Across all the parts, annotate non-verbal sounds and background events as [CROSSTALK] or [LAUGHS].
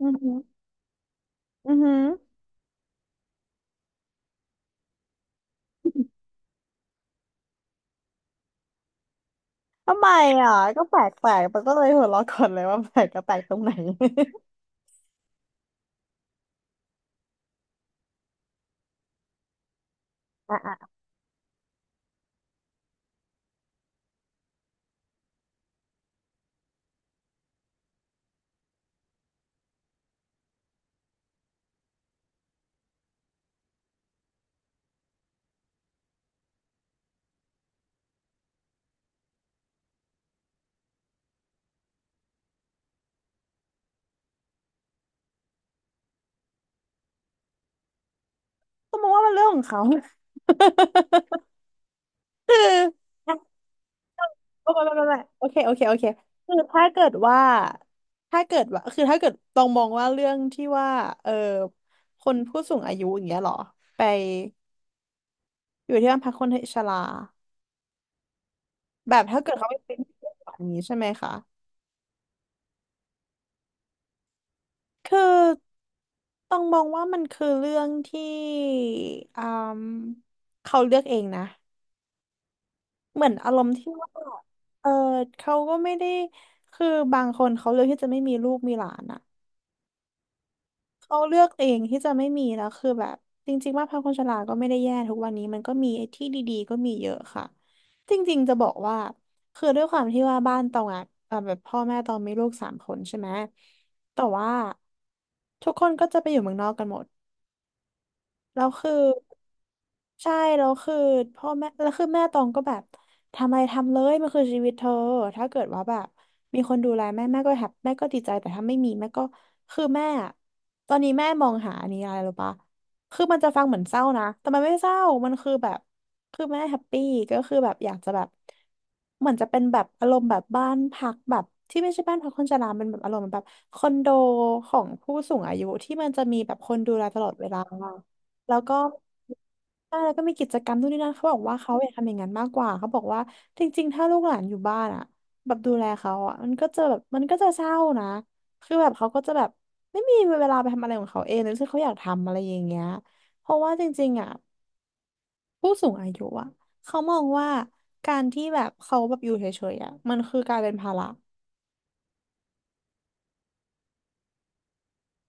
อือหืออือหือทำไมอ่ะก็แปลกแปลกแตก็เลยหัวเราะก่อนเลยว่าแปลกก็แปลกตรงไหน [LAUGHS] อ่ะอ่ะก็มองว่ามันเรื่องของเขา [LAUGHS] คืออ่ะโอ้ไม่ไม่ไม่ไม่โอเคโอเคโอเคคือถ้าเกิดว่าคือถ้าเกิดต้องมองว่าเรื่องที่ว่าเออคนผู้สูงอายุอย่างเงี้ยเหรอ ไปอยู่ที่บ้านพักคนชราแบบถ้าเกิดเขาไปเป็นแบบนี้ใช่ไหมคะ คือต้องมองว่ามันคือเรื่องที่อืมเขาเลือกเองนะเหมือนอารมณ์ที่ว่าเออเขาก็ไม่ได้คือบางคนเขาเลือกที่จะไม่มีลูกมีหลานอ่ะเขาเลือกเองที่จะไม่มีแล้วคือแบบจริงๆว่าพรรคคนชราก็ไม่ได้แย่ทุกวันนี้มันก็มีไอ้ที่ดีๆก็มีเยอะค่ะจริงๆจะบอกว่าคือด้วยความที่ว่าบ้านตองอ่ะแบบพ่อแม่ตองมีลูกสามคนใช่ไหมแต่ว่าทุกคนก็จะไปอยู่เมืองนอกกันหมด แล้วคือใช่แล้วคือพ่อแม่แล้วคือแม่ตองก็แบบทำอะไรทำเลยมันคือชีวิตเธอถ้าเกิดว่าแบบมีคนดูแลแม่แม่ก็แฮปแม่ก็ดีใจแต่ถ้าไม่มีแม่ก็คือแม่อะตอนนี้แม่มองหาอันนี้อะไรหรือปะคือมันจะฟังเหมือนเศร้านะแต่มันไม่เศร้ามันคือแบบคือแม่แฮปปี้ก็คือแบบอยากจะแบบเหมือนจะเป็นแบบอารมณ์แบบบ้านพักแบบที่ไม่ใช่บ้านพักคนชราเป็นแบบอารมณ์แบบคอนโดของผู้สูงอายุที่มันจะมีแบบคนดูแลตลอดเวลา แล้วก็ใช่แล้วก็มีกิจกรรมนู่นนี่นั่นเขาบอกว่าเขาอยากทำอย่างนั้นมากกว่าเขาบอกว่าจริงๆถ้าลูกหลานอยู่บ้านอ่ะแบบดูแลเขาอ่ะมันก็จะแบบมันก็จะเศร้านะคือแบบเขาก็จะแบบไม่มีเวลาไปทำอะไรของเขาเองหรือที่เขาอยากทำอะไรอย่างเงี้ยเพราะว่าจริงๆอ่ะผู้สูงอายุอ่ะเขามองว่าการที่แบบเขาแบบอยู่เฉยๆอ่ะมันคือการเป็นภาระ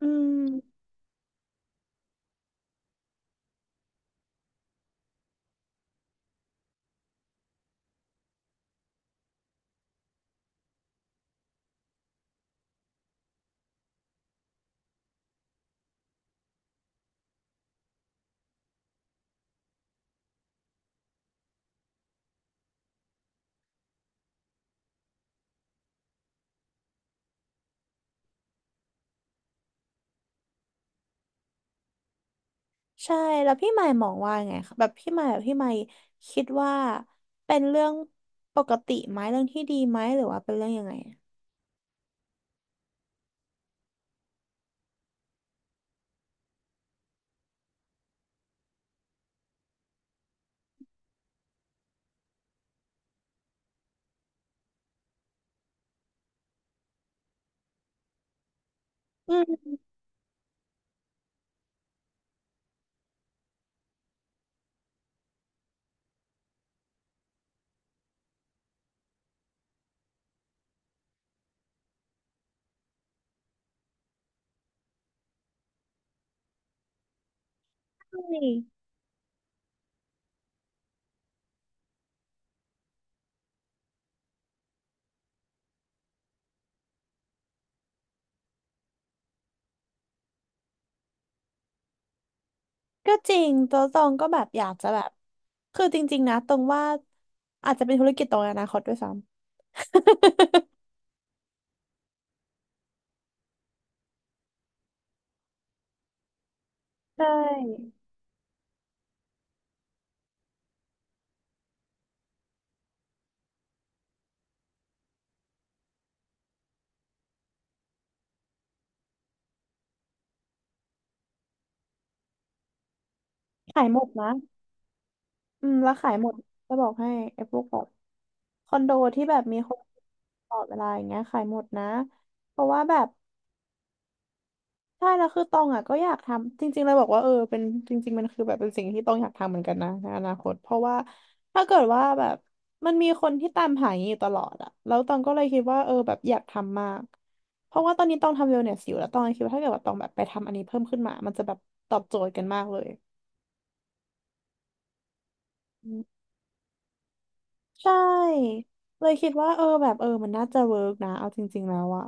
อืม ใช่แล้วพี่หมายมองว่าไงคะแบบพี่หมายคิดว่าเป็นเรื่องปกติไหมเรื่องที่ดีไหมหรือว่าเป็นเรื่องยังไงอะอืมใช่ก็จริงตัวตองก็แบบอยากจะแบบคือจริงๆนะตรงว่าอาจจะเป็นธุรกิจตรงในอนาคตด้วยซ้ำ [LAUGHS] ใช่ขายหมดนะอืมแล้วขายหมดจะบอกให้ไอ้พวกแบบคอนโดที่แบบมีคนตลอดเวลาอย่างเงี้ยขายหมดนะเพราะว่าแบบ ใช่แล้วคือตองอ่ะก็อยากทำจริงๆเลยบอกว่าเป็นจริงๆมันคือแบบเป็นสิ่งที่ตองอยากทำเหมือนกันนะในอนาคตเพราะว่าถ้าเกิดว่าแบบมันมีคนที่ตามหาอย่างนี้อยู่ตลอดอ่ะแล้วตองก็เลยคิดว่าแบบอยากทำมากเพราะว่าตอนนี้ตองทำเวลเนสอยู่แล้วตองคิดว่าถ้าเกิดว่าตองแบบไปทำอันนี้เพิ่มขึ้นมามันจะแบบตอบโจทย์กันมากเลยอืมใช่เลยคิดว่าเออแบบเออมันน่าจะเวิร์กนะเอาจริงๆแล้วอ่ะ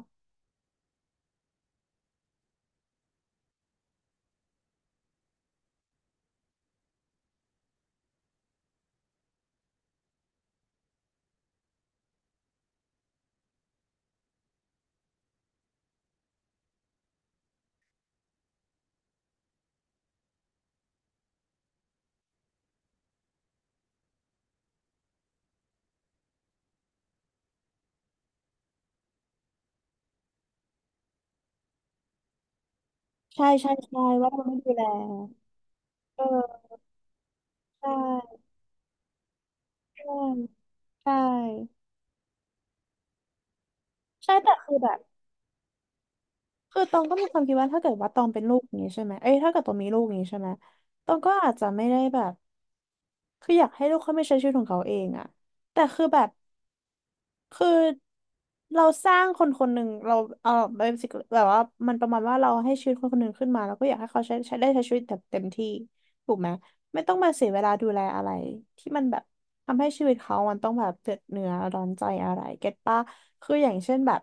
ใช่ใช่ใช่ว่าเราไม่ดูแลเออใช่ใช่ใช่ใช่แต่คือแบบ คือตองก็มีความคิดว่าถ้าเกิดว่าตองเป็นลูกอย่างนี้ใช่ไหมเอ้ยถ้าเกิดตองมีลูกอย่างนี้ใช่ไหมตองก็อาจจะไม่ได้แบบคืออยากให้ลูกเขาไม่ใช้ชีวิตของเขาเองอะแต่คือแบบ คือเราสร้างคนคนหนึ่งเราเออเบสิกแบบว่ามันประมาณว่าเราให้ชีวิตคนคนหนึ่งขึ้นมาแล้วก็อยากให้เขาใช้ชีวิตแบบเต็มที่ถูกไหมไม่ต้องมาเสียเวลาดูแลอะไรที่มันแบบทำให้ชีวิตเขามันต้องแบบเดือดเนื้อร้อนใจอะไรเก็ตป่ะคืออย่างเช่นแบบ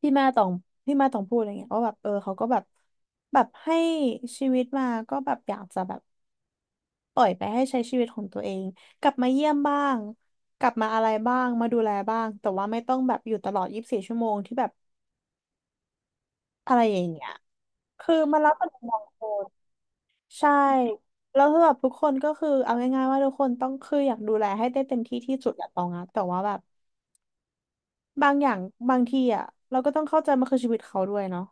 ที่แม่ต้องที่แม่ต้องพูดอะไรเงี้ยว่าแบบเขาก็แบบแบบให้ชีวิตมาก็แบบอยากจะแบบ ปล่อยไปให้ใช้ชีวิตของตัวเองกลับมาเยี่ยมบ้างกลับมาอะไรบ้างมาดูแลบ้างแต่ว่าไม่ต้องแบบอยู่ตลอดยี่สิบสี่ชั่วโมงที่แบบอะไรอย่างเงี้ยคือมันแล้วแต่มุมมองคนใช่แล้วสำหรับทุกคนก็คือเอาง่ายๆว่าทุกคนต้องคืออยากดูแลให้ได้เต็มที่ที่สุดแหละตองอะแต่ว่าแบบบางอย่างบางทีอะเราก็ต้องเข้าใจมันคือชีวิตเขาด้วยเนาะ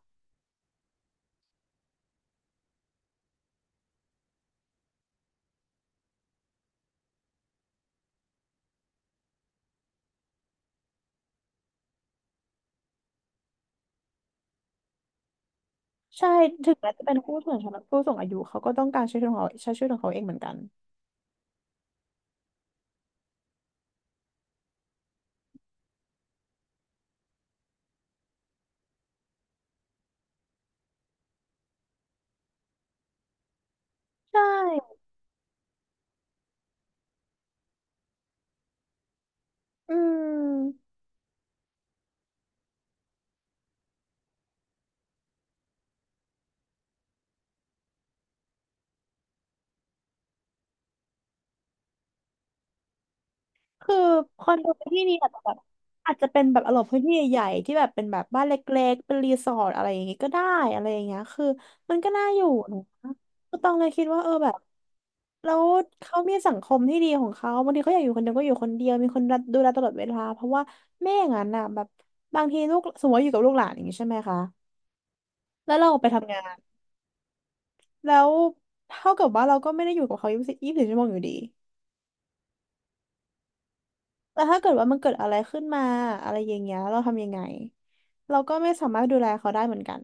ใช่ถึงแม้จะเป็นผู้สูงชนผู้สูงอายุเขาก็ต้องการใช้ชีวิตของเขาใช้ชีวิตของเขาเองเหมือนกันใช่อืม คือคอนโดที่นี่อาจจะแบบอาจจะเป็นแบบอารมณ์พื้นที่ใหญ่ๆที่แบบเป็นแบบบ้านเล็กๆเป็นรีสอร์ทอะไรอย่างงี้ก็ได้อะไรอย่างเงี้ยคือมันก็น่าอยู่นะก็ต้องเลยคิดว่าเออแบบแล้วเขามีสังคมที่ดีของเขาบางทีเขาอยากอยู่คนเดียวก็อยู่คนเดียวมีคนรับดูแลตลอดเวลาเพราะว่าไม่อย่างนั้นน่ะแบบบางทีลูกสมมติว่าอยู่กับลูกหลานอย่างงี้ใช่ไหมคะแล้วเราไปทำงานแล้วเท่ากับว่าเราก็ไม่ได้อยู่กับเขายี่สิบสี่ชั่วโมงอยู่ดี แล้วถ้าเกิดว่ามันเกิดอะไรขึ้นมาอะไรอย่างเงี้ยเราทำยังไงเราก็ไม่สามารถดูแลเขาได้เหมือนกัน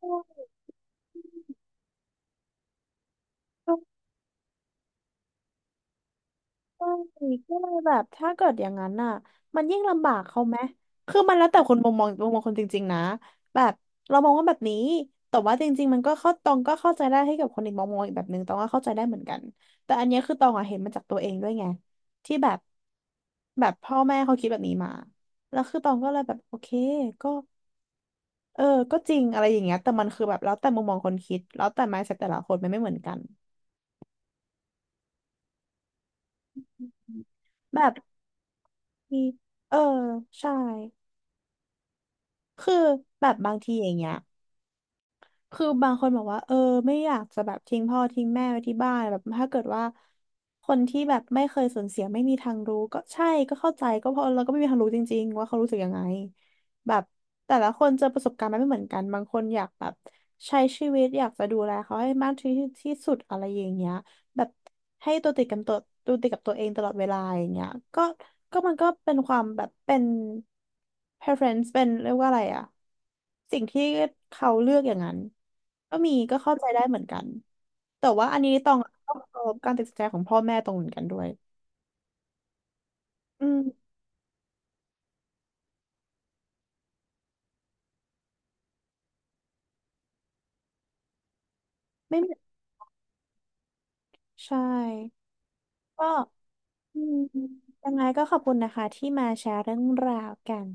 ใช่ใช่ก็เลยแบบถ้าเกิดอย่างนั้นน่ะมันยิ่งลำบากเขาไหมคือมันแล้วแต่คนมุมมองคนจริงๆนะแบบเรามองว่าแบบนี้แต่ว่าจริงๆมันก็เข้าตองก็เข้าใจได้ให้กับคนอีกมองอีกแบบนึงตองก็เข้าใจได้เหมือนกันแต่อันเนี้ยคือตองอะเห็นมาจากตัวเองด้วยไงที่แบบแบบพ่อแม่เขาคิดแบบนี้มาแล้วคือตองก็เลยแบบโอเคก็ เออก็จริงอะไรอย่างเงี้ยแต่มันคือแบบแล้วแต่มุมมองคนคิดแล้วแต่ mindset แต่ละคนมันไม่เหมือนกันแบบที่เออใช่ คือแบบบางทีอย่างเงี้ยคือบางคนบอกว่าเออไม่อยากจะแบบทิ้งพ่อทิ้งแม่ไว้ที่บ้านแบบถ้าเกิดว่าคนที่แบบไม่เคยสูญเสียไม่มีทางรู้ก็ใช่ก็เข้าใจก็เพราะเราก็ไม่มีทางรู้จริงๆว่าเขารู้สึกยังไงแบบแต่ละคนเจอประสบการณ์มันไม่เหมือนกันบางคนอยากแบบใช้ชีวิตอยากจะดูแลเขาให้มากที่ที่สุดอะไรอย่างเงี้ย แบบให้ตัวติดกับตัวติดกับตัวเองตลอดเวลาอย่างเงี้ยก็ก็มันก็เป็นความแบบเป็น preference เป็นเรียกว่าอะไรอะสิ่งที่เขาเลือกอย่างนั้นก็มีก็เข้าใจได้เหมือนกันแต่ว่าอันนี้ต้องต้องเคารพการตัดสินใจของพ่อแม่ตรงเหมือนกันด้วยอืมไม่เหมอนใช่ก็อืมยังไงก็ขอบคุณนะคะที่มาแชร์เรื่องราวกัน